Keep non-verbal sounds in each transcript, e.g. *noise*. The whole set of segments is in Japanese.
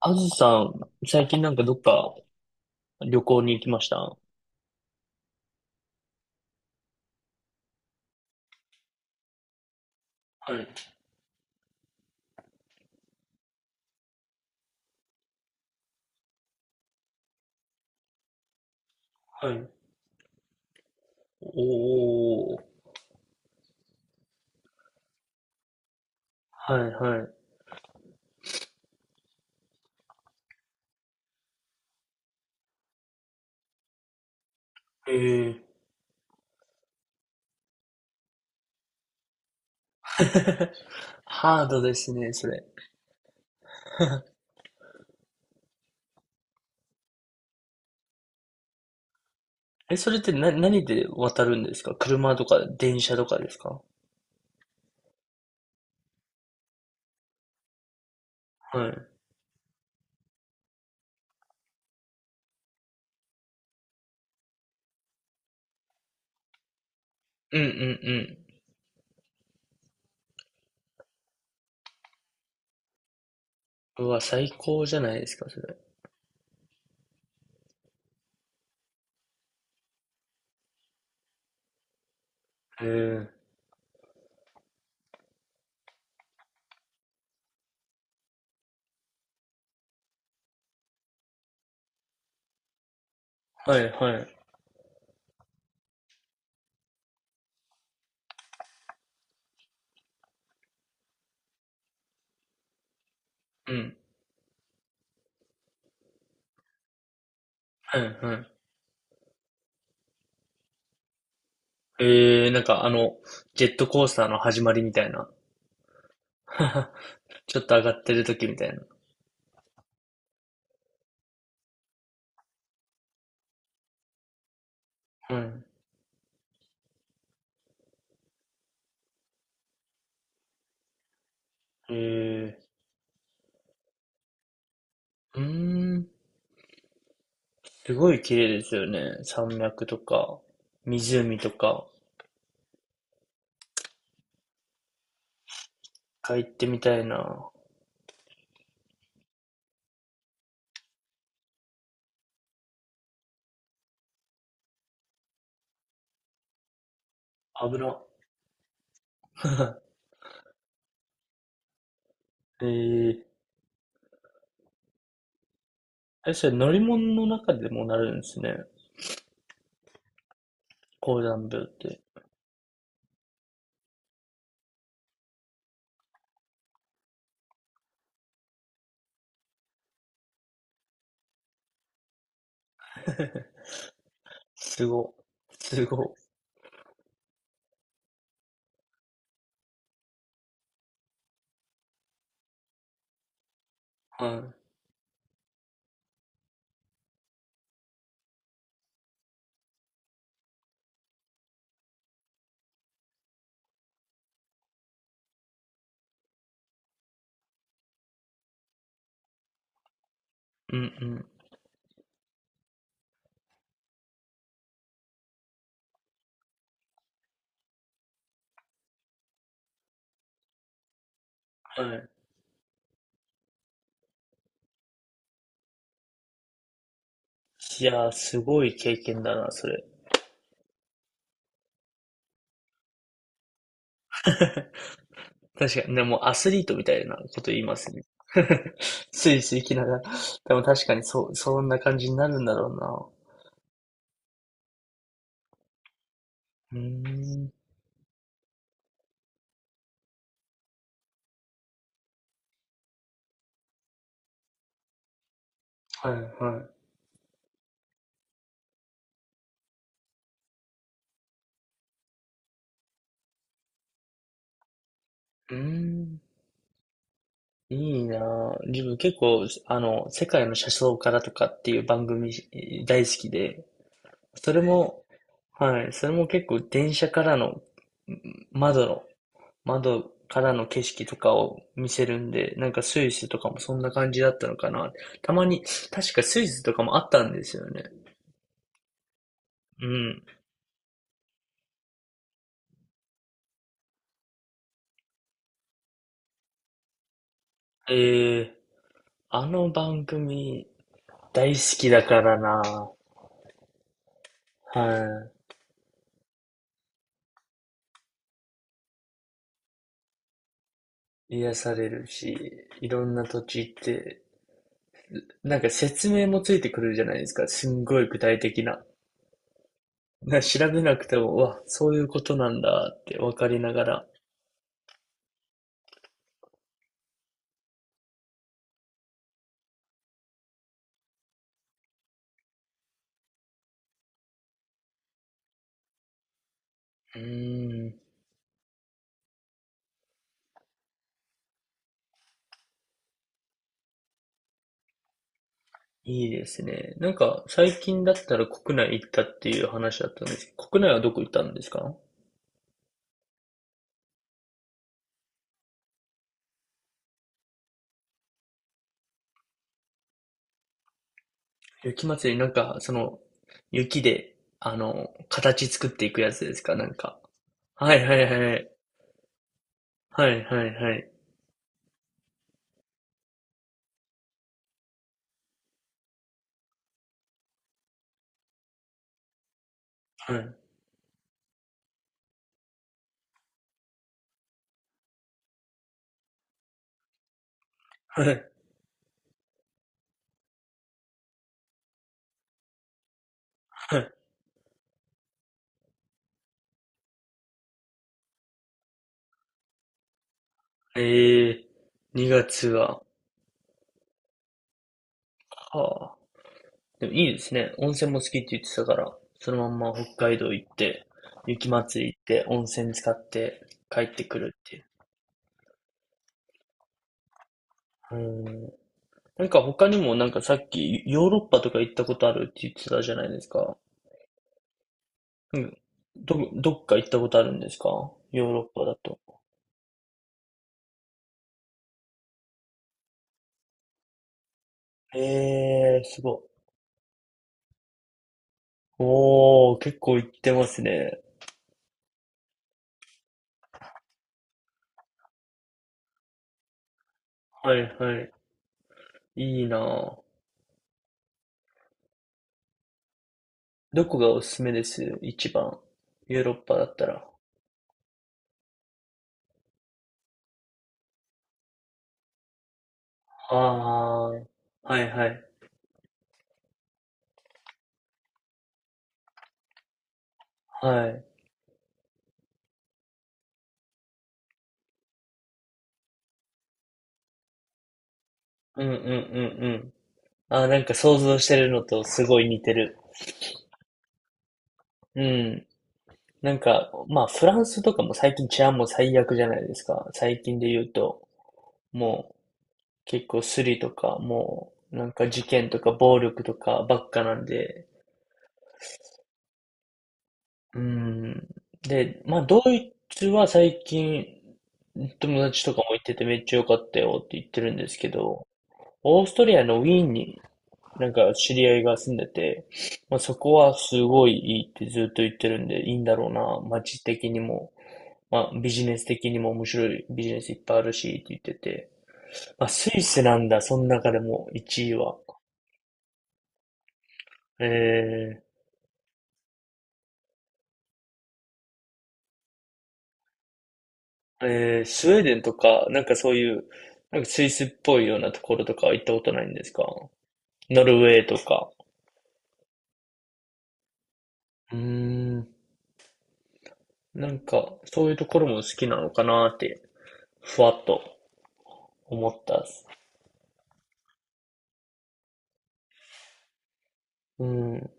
あずさん、最近なんかどっか旅行に行きましたはい、はい。おー、はい、はい。ええ *laughs* ハードですね、それ。え、それって何で渡るんですか車とか電車とかですかはい。うんうんうん。うわ、最高じゃないですか、それ。ええはい、はい。うん。はい、はい。ええなんかあの、ジェットコースターの始まりみたいな。*laughs* ちょっと上がってる時みたいな。はい。ええうーん。すごい綺麗ですよね。山脈とか、湖とか。一ってみたいな。危な。*laughs* えー、あれ、それ乗り物の中でもなるんですね。高山病って。すご。すご。はい。うんうん。はい。いやー、すごい経験だな、それ。*laughs* 確かに、でもアスリートみたいなこと言いますね。*laughs* スイスイ行きながら。でも確かにそう、そんな感じになるんだろうな。うーん。はいはい。うーん。いいなぁ。自分結構、あの、世界の車窓からとかっていう番組大好きで、それも、はい、それも結構電車からの、うん窓の、窓からの景色とかを見せるんで、なんかスイスとかもそんな感じだったのかな。たまに、確かスイスとかもあったんですよね。うん。ええあの番組大好きだからなはい。癒されるし、いろんな土地行ってなんか説明もついてくるじゃないですか。すんごい具体的な。*laughs* な調べなくても、うわ、そういうことなんだってわかりながら。うーん、いいですね。なんか最近だったら国内行ったっていう話だったんですけど、国内はどこ行ったんですか雪祭り、なんかその雪で、あの、形作っていくやつですかなんか。はいはいはい。はいはいはい。はいはいはい。ええー、2月は、はあ。でもいいですね。温泉も好きって言ってたから、そのまんま北海道行って、雪まつり行って、温泉使って帰ってくるっていう。うん。なんか他にもなんかさっきヨーロッパとか行ったことあるって言ってたじゃないですか。うん。どっか行ったことあるんですかヨーロッパだと。えー、すごい。おー、結構行ってますね。はいはい。いいなぁ。どこがおすすめです一番。ヨーロッパだったら。あー、はいはい。はい。うんうんうんうん。あー、なんか想像してるのとすごい似てる。うん。なんか、まあフランスとかも最近治安も最悪じゃないですか。最近で言うと、もう結構スリとか、もうなんか事件とか暴力とかばっかなんで。うん。で、まあドイツは最近友達とかも行っててめっちゃ良かったよって言ってるんですけど、オーストリアのウィーンになんか知り合いが住んでて、まあ、そこはすごいいいってずっと言ってるんで、いいんだろうな、街的にも、まあ、ビジネス的にも面白いビジネスいっぱいあるしって言ってて、まあ、スイスなんだ、その中でも1位は。えー、えー、スウェーデンとか、なんかそういう、なんかスイスっぽいようなところとかは行ったことないんですかノルウェーとか。うーん、なんかそういうところも好きなのかなって、ふわっと思ったっす。うん、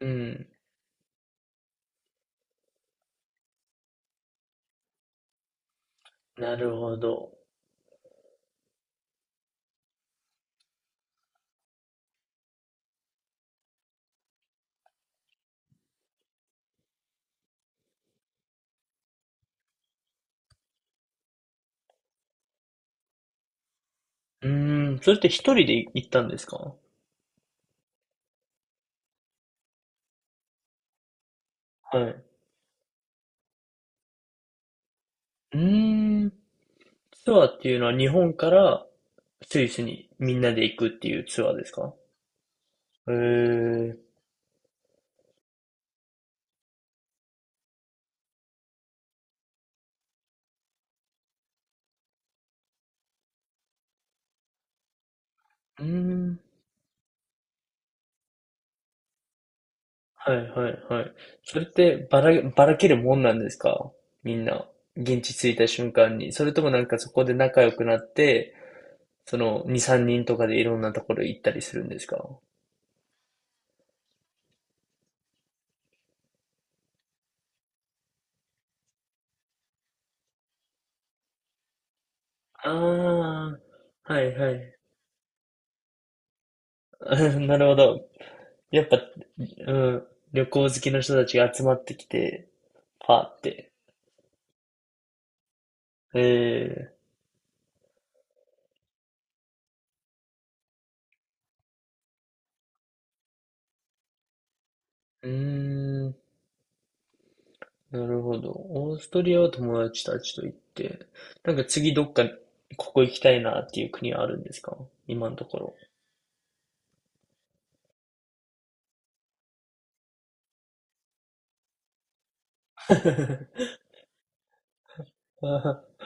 うん。なるほど。うーん、それって一人で行ったんですかはい。うーん、ツアーっていうのは日本からスイスにみんなで行くっていうツアーですかへえ、うーん、はいはいはい。それってばらけるもんなんですかみんな、現地着いた瞬間に。それともなんかそこで仲良くなって、その2、3人とかでいろんなところ行ったりするんですかああー、はいはい。*laughs* なるほど。やっぱ、うん、旅行好きの人たちが集まってきて、パーって。ええうーん、なるほど。オーストリアは友達たちと行って、なんか次どっか、ここ行きたいなっていう国はあるんですか今のところ。*laughs* あー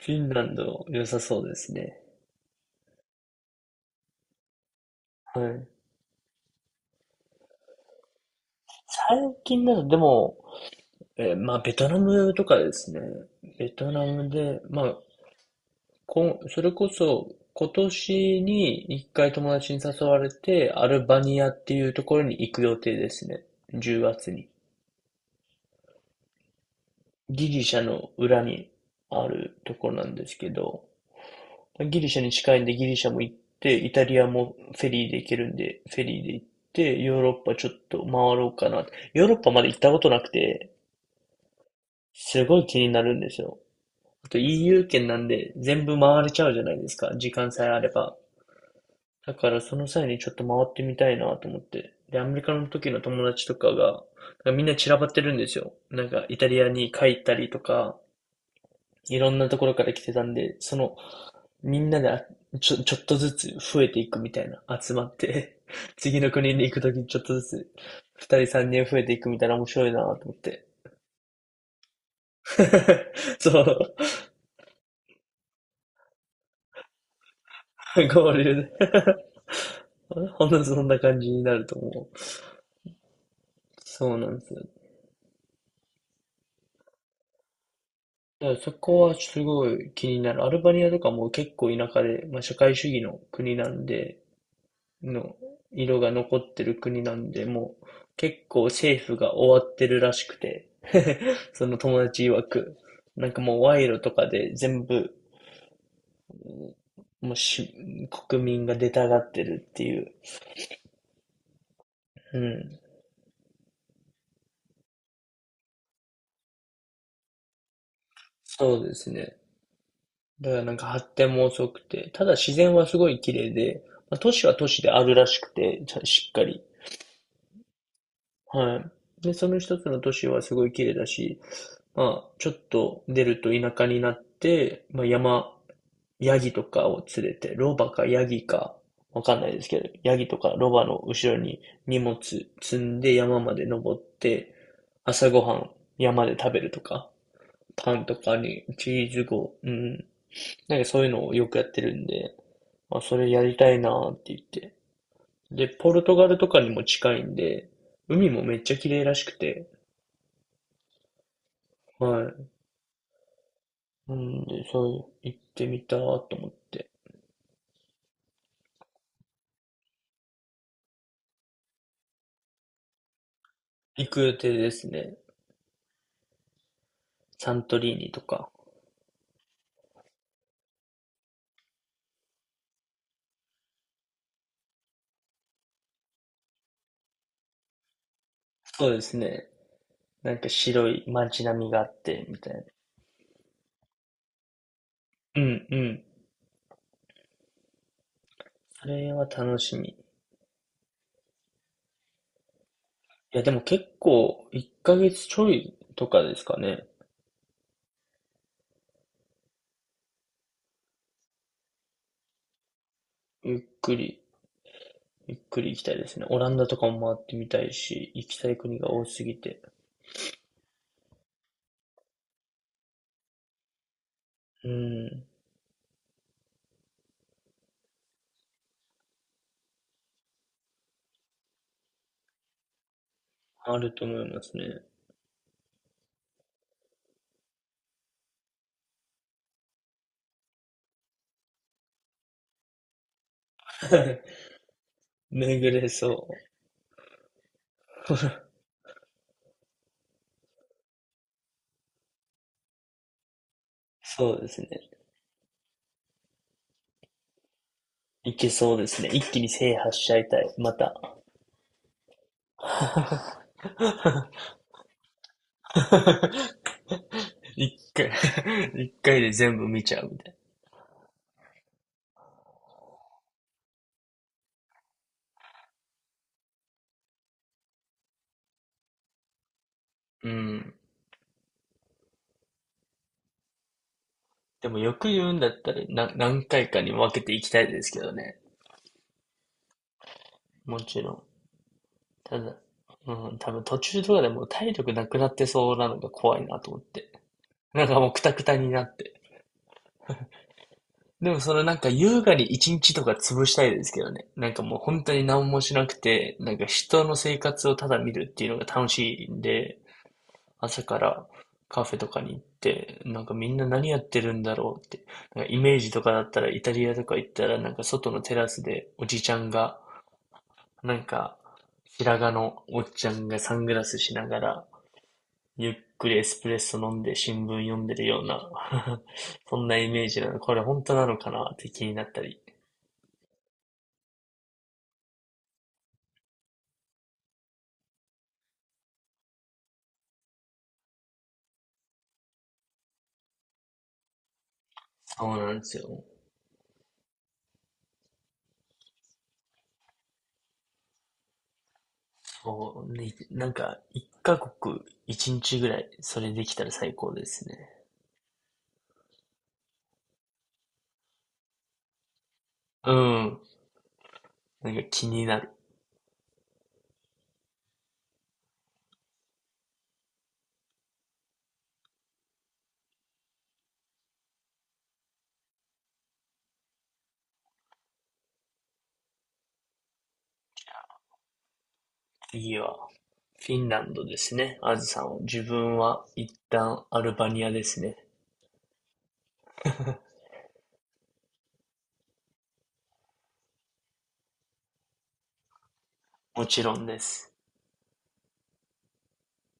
フィンランド良さそうですね。はい。最近だとでも、まあベトナムとかですね。ベトナムで、まあこん、それこそ、今年に一回友達に誘われて、アルバニアっていうところに行く予定ですね。10月に。ギリシャの裏にあるところなんですけど、ギリシャに近いんでギリシャも行って、イタリアもフェリーで行けるんで、フェリーで行って、ヨーロッパちょっと回ろうかな。ヨーロッパまで行ったことなくて、すごい気になるんですよ。あと EU 圏なんで全部回れちゃうじゃないですか、時間さえあれば。だからその際にちょっと回ってみたいなと思って。で、アメリカの時の友達とかが、なんかみんな散らばってるんですよ。なんかイタリアに帰ったりとか、いろんなところから来てたんで、その、みんなでちょっとずつ増えていくみたいな、集まって *laughs* 次の国に行くときにちょっとずつ、2人3人増えていくみたいな面白いなと思って。*laughs* そう、合流で *laughs* ほんとそんな感じになると思う。そうなんですよ。だからそこはすごい気になる。アルバニアとかも結構田舎で、まあ、社会主義の国なんで、の色が残ってる国なんで、もう結構政府が終わってるらしくて、*laughs* その友達曰く、なんかもう賄賂とかで全部、もうし、国民が出たがってるっていう。うん。そうですね。だからなんか発展も遅くて、ただ自然はすごい綺麗で、まあ、都市は都市であるらしくて、ちゃしっかり。はい。で、その一つの都市はすごい綺麗だし、まあ、ちょっと出ると田舎になって、まあ、山、ヤギとかを連れて、ロバかヤギか、わかんないですけど、ヤギとかロバの後ろに荷物積んで山まで登って、朝ごはん山で食べるとか、パンとかにチーズご、うん、なんかそういうのをよくやってるんで、まあ、それやりたいなーって言って。で、ポルトガルとかにも近いんで、海もめっちゃ綺麗らしくて、はい。うんで、そう、行ってみたと思って。行く予定ですね。サントリーニとか。そうですね。なんか白い街並みがあって、みたいな。うんうん。それは楽しみ。いや、でも結構、1ヶ月ちょいとかですかね。ゆっくり、ゆっくり行きたいですね。オランダとかも回ってみたいし、行きたい国が多すぎて。うん。あると思いますね。*laughs* 巡れそう。*laughs* そうですね。いけそうですね。一気に制覇しちゃいたい。また。*laughs* 一回、一回で全部見ちゃうみたいな。うん。でもよく言うんだったら、何回かに分けていきたいですけどね。もちろん。ただ、うん、多分途中とかでもう体力なくなってそうなのが怖いなと思って。なんかもうクタクタになって。でもそのなんか優雅に一日とか潰したいですけどね。なんかもう本当に何もしなくて、なんか人の生活をただ見るっていうのが楽しいんで、朝からカフェとかに行って、なんかみんな何やってるんだろうって。なんかイメージとかだったらイタリアとか行ったらなんか外のテラスでおじちゃんが、なんか白髪のおっちゃんがサングラスしながらゆっくりエスプレッソ飲んで新聞読んでるような *laughs* そんなイメージなの。これ本当なのかなって気になったり。そうなんですよ。そう、ね、なんか一カ国一日ぐらいそれできたら最高ですね。うん。なんか気になる。次はフィンランドですね。あずさんは。自分は一旦アルバニアですね。もちろんです。